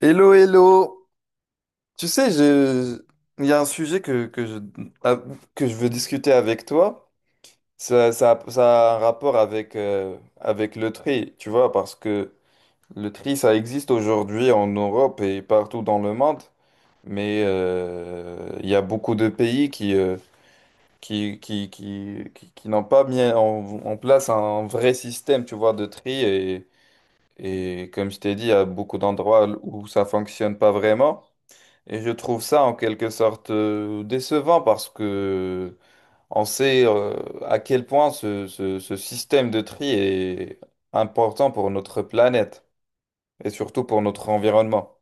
Hello, hello. Tu sais, il y a un sujet ah, que je veux discuter avec toi. Ça a un rapport avec, avec le tri, tu vois, parce que le tri, ça existe aujourd'hui en Europe et partout dans le monde. Mais il y a beaucoup de pays qui n'ont pas mis en place un vrai système, tu vois, de tri. Et comme je t'ai dit, il y a beaucoup d'endroits où ça fonctionne pas vraiment. Et je trouve ça en quelque sorte décevant parce que on sait, à quel point ce système de tri est important pour notre planète et surtout pour notre environnement.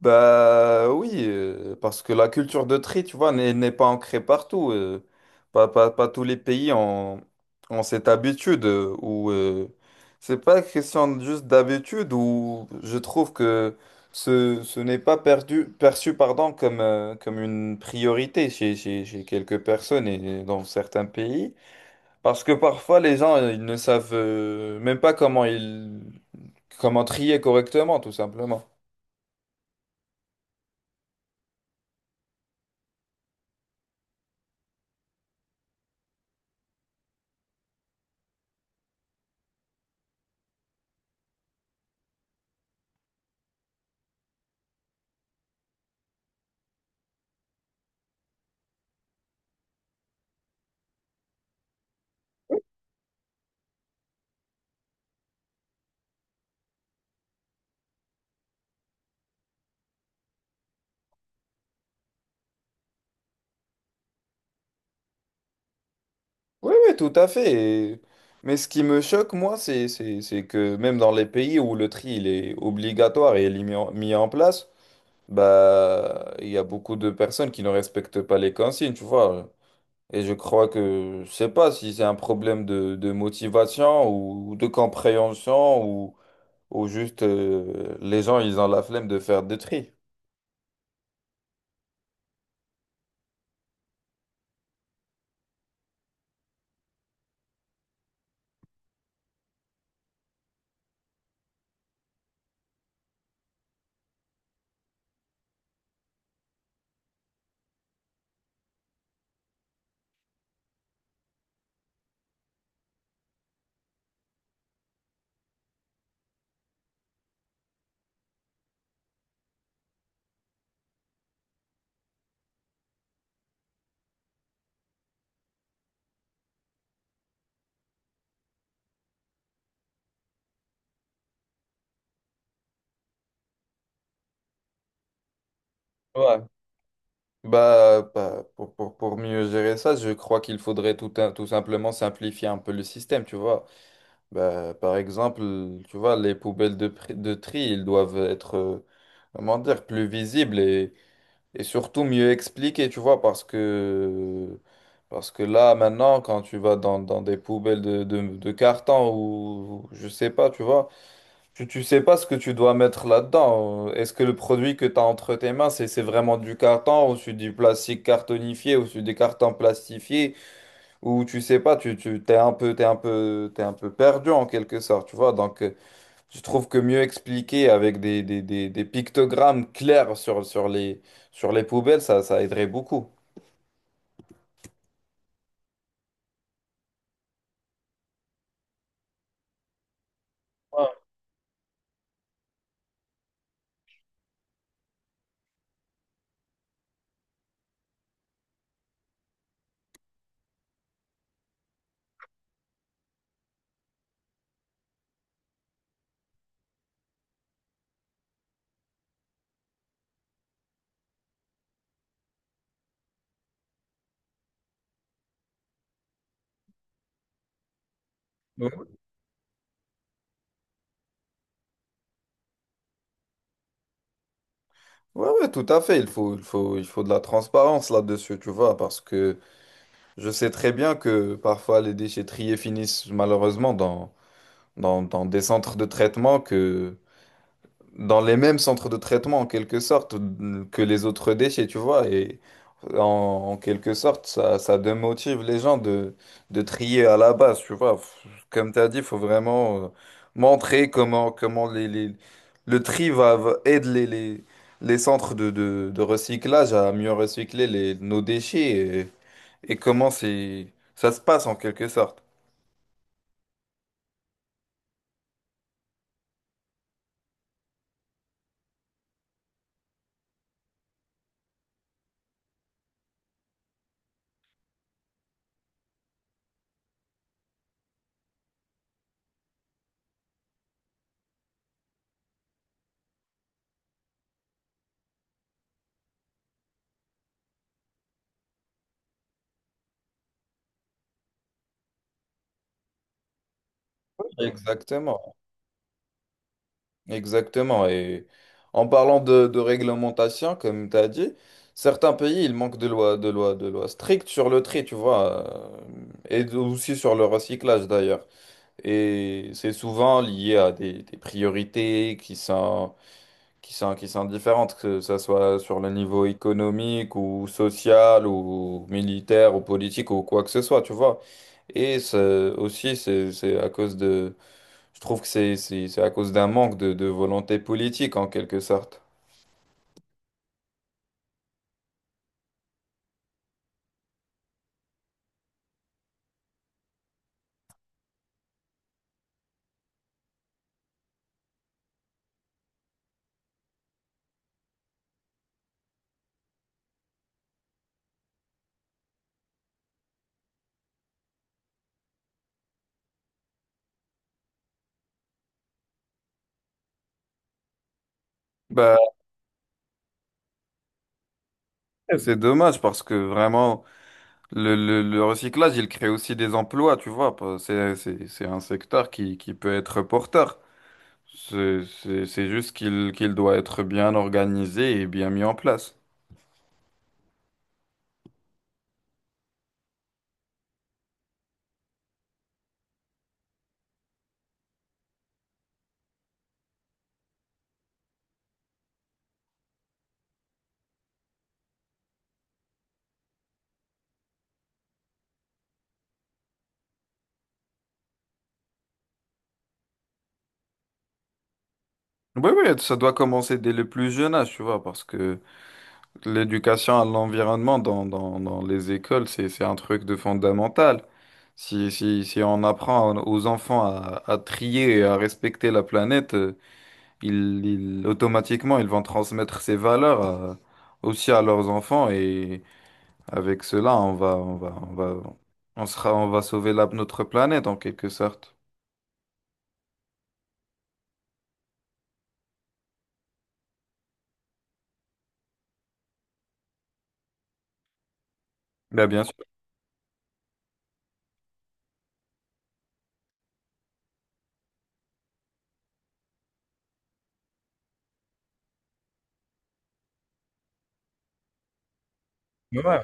Bah oui, parce que la culture de tri, tu vois, n'est pas ancrée partout. Pas tous les pays ont cette habitude. Ou c'est pas question juste d'habitude ou je trouve que ce n'est pas perçu pardon, comme, comme une priorité chez quelques personnes et dans certains pays. Parce que parfois les gens, ils ne savent, même pas comment trier correctement, tout simplement. Oui, oui, tout à fait. Et- Mais ce qui me choque, moi, c'est, c'est que même dans les pays où le tri il est obligatoire et il est mis en place, bah, il y a beaucoup de personnes qui ne respectent pas les consignes, tu vois. Et je crois que, je sais pas si c'est un problème de motivation ou de compréhension ou juste, les gens, ils ont la flemme de faire des tri. Ouais. Pour mieux gérer ça, je crois qu'il faudrait tout simplement simplifier un peu le système, tu vois. Bah, par exemple, tu vois, les poubelles de tri, ils doivent être, comment dire, plus visibles et surtout mieux expliquées, tu vois, parce que là, maintenant, quand tu vas dans des poubelles de carton ou je sais pas, tu vois, tu sais pas ce que tu dois mettre là-dedans. Est-ce que le produit que tu as entre tes mains, c'est vraiment du carton ou c'est du plastique cartonifié ou c'est des cartons plastifiés? Où tu sais pas, tu t'es un peu, t'es un peu perdu en quelque sorte, tu vois. Donc, je trouve que mieux expliquer avec des pictogrammes clairs sur les poubelles, ça aiderait beaucoup. Ouais. Ouais, ouais, tout à fait. Il faut de la transparence là-dessus, tu vois, parce que je sais très bien que parfois les déchets triés finissent malheureusement dans des centres de traitement que dans les mêmes centres de traitement en quelque sorte que les autres déchets, tu vois. Et en quelque sorte, ça démotive les gens de trier à la base, tu vois. Comme tu as dit, il faut vraiment, montrer comment le tri aide les centres de recyclage à mieux recycler les, nos déchets et comment c'est, ça se passe en quelque sorte. Exactement. Exactement. Et en parlant de réglementation, comme tu as dit, certains pays, ils manquent de lois strictes sur le tri, tu vois, et aussi sur le recyclage d'ailleurs. Et c'est souvent lié à des priorités qui sont différentes, que ce soit sur le niveau économique ou social ou militaire ou politique ou quoi que ce soit, tu vois. Et c'est- c'est à cause de, je trouve que c'est à cause d'un manque de volonté politique en quelque sorte. Bah, c'est dommage parce que vraiment, le recyclage, il crée aussi des emplois, tu vois. C'est c'est un secteur qui peut être porteur. C'est c'est juste qu'il doit être bien organisé et bien mis en place. Oui, oui, ça doit commencer dès le plus jeune âge, tu vois, parce que l'éducation à l'environnement dans les écoles, c'est un truc de fondamental. Si on apprend aux enfants à trier et à respecter la planète, ils, automatiquement, ils vont transmettre ces valeurs aussi à leurs enfants et avec cela, on va, on va sauver notre planète en quelque sorte. Bah, bien sûr. Ouais.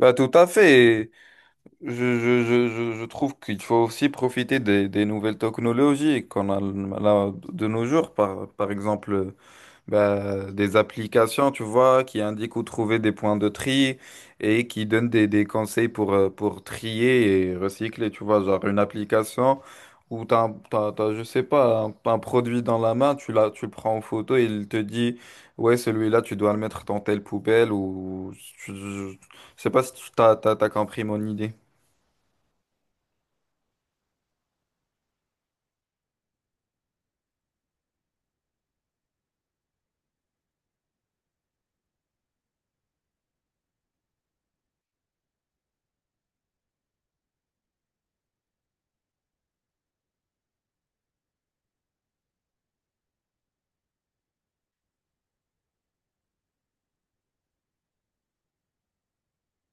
Bah, tout à fait. Et Je, je trouve qu'il faut aussi profiter des nouvelles technologies qu'on a là de nos jours, par exemple. Bah, des applications, tu vois, qui indiquent où trouver des points de tri et qui donnent des conseils pour trier et recycler, tu vois, genre une application où t'as, je sais pas, un produit dans la main, tu le prends en photo et il te dit, ouais, celui-là, tu dois le mettre dans telle poubelle ou, je, je- je sais pas si t'as compris mon idée.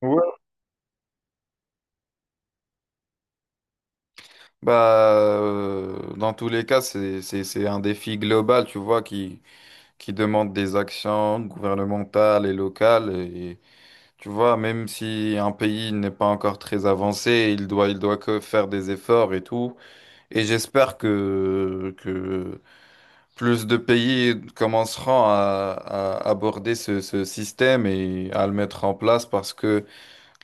Ouais. Bah, dans tous les cas, c'est, c'est un défi global, tu vois, qui demandent des actions gouvernementales et locales. Et tu vois, même si un pays n'est pas encore très avancé, il doit que faire des efforts et tout. Et j'espère que plus de pays commenceront à aborder ce système et à le mettre en place parce que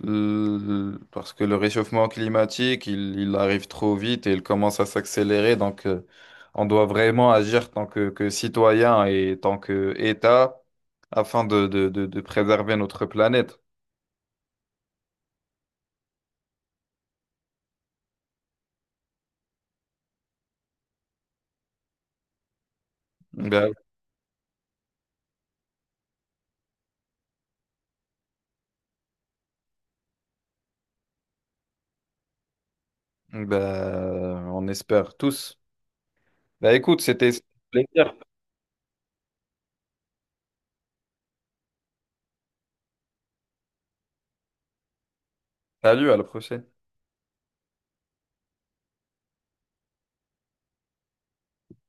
Parce que le réchauffement climatique, il arrive trop vite et il commence à s'accélérer. Donc, on doit vraiment agir tant que citoyen et tant que État afin de préserver notre planète. Ben, ben, on espère tous. Ben, écoute, c'était... Salut, à la prochaine.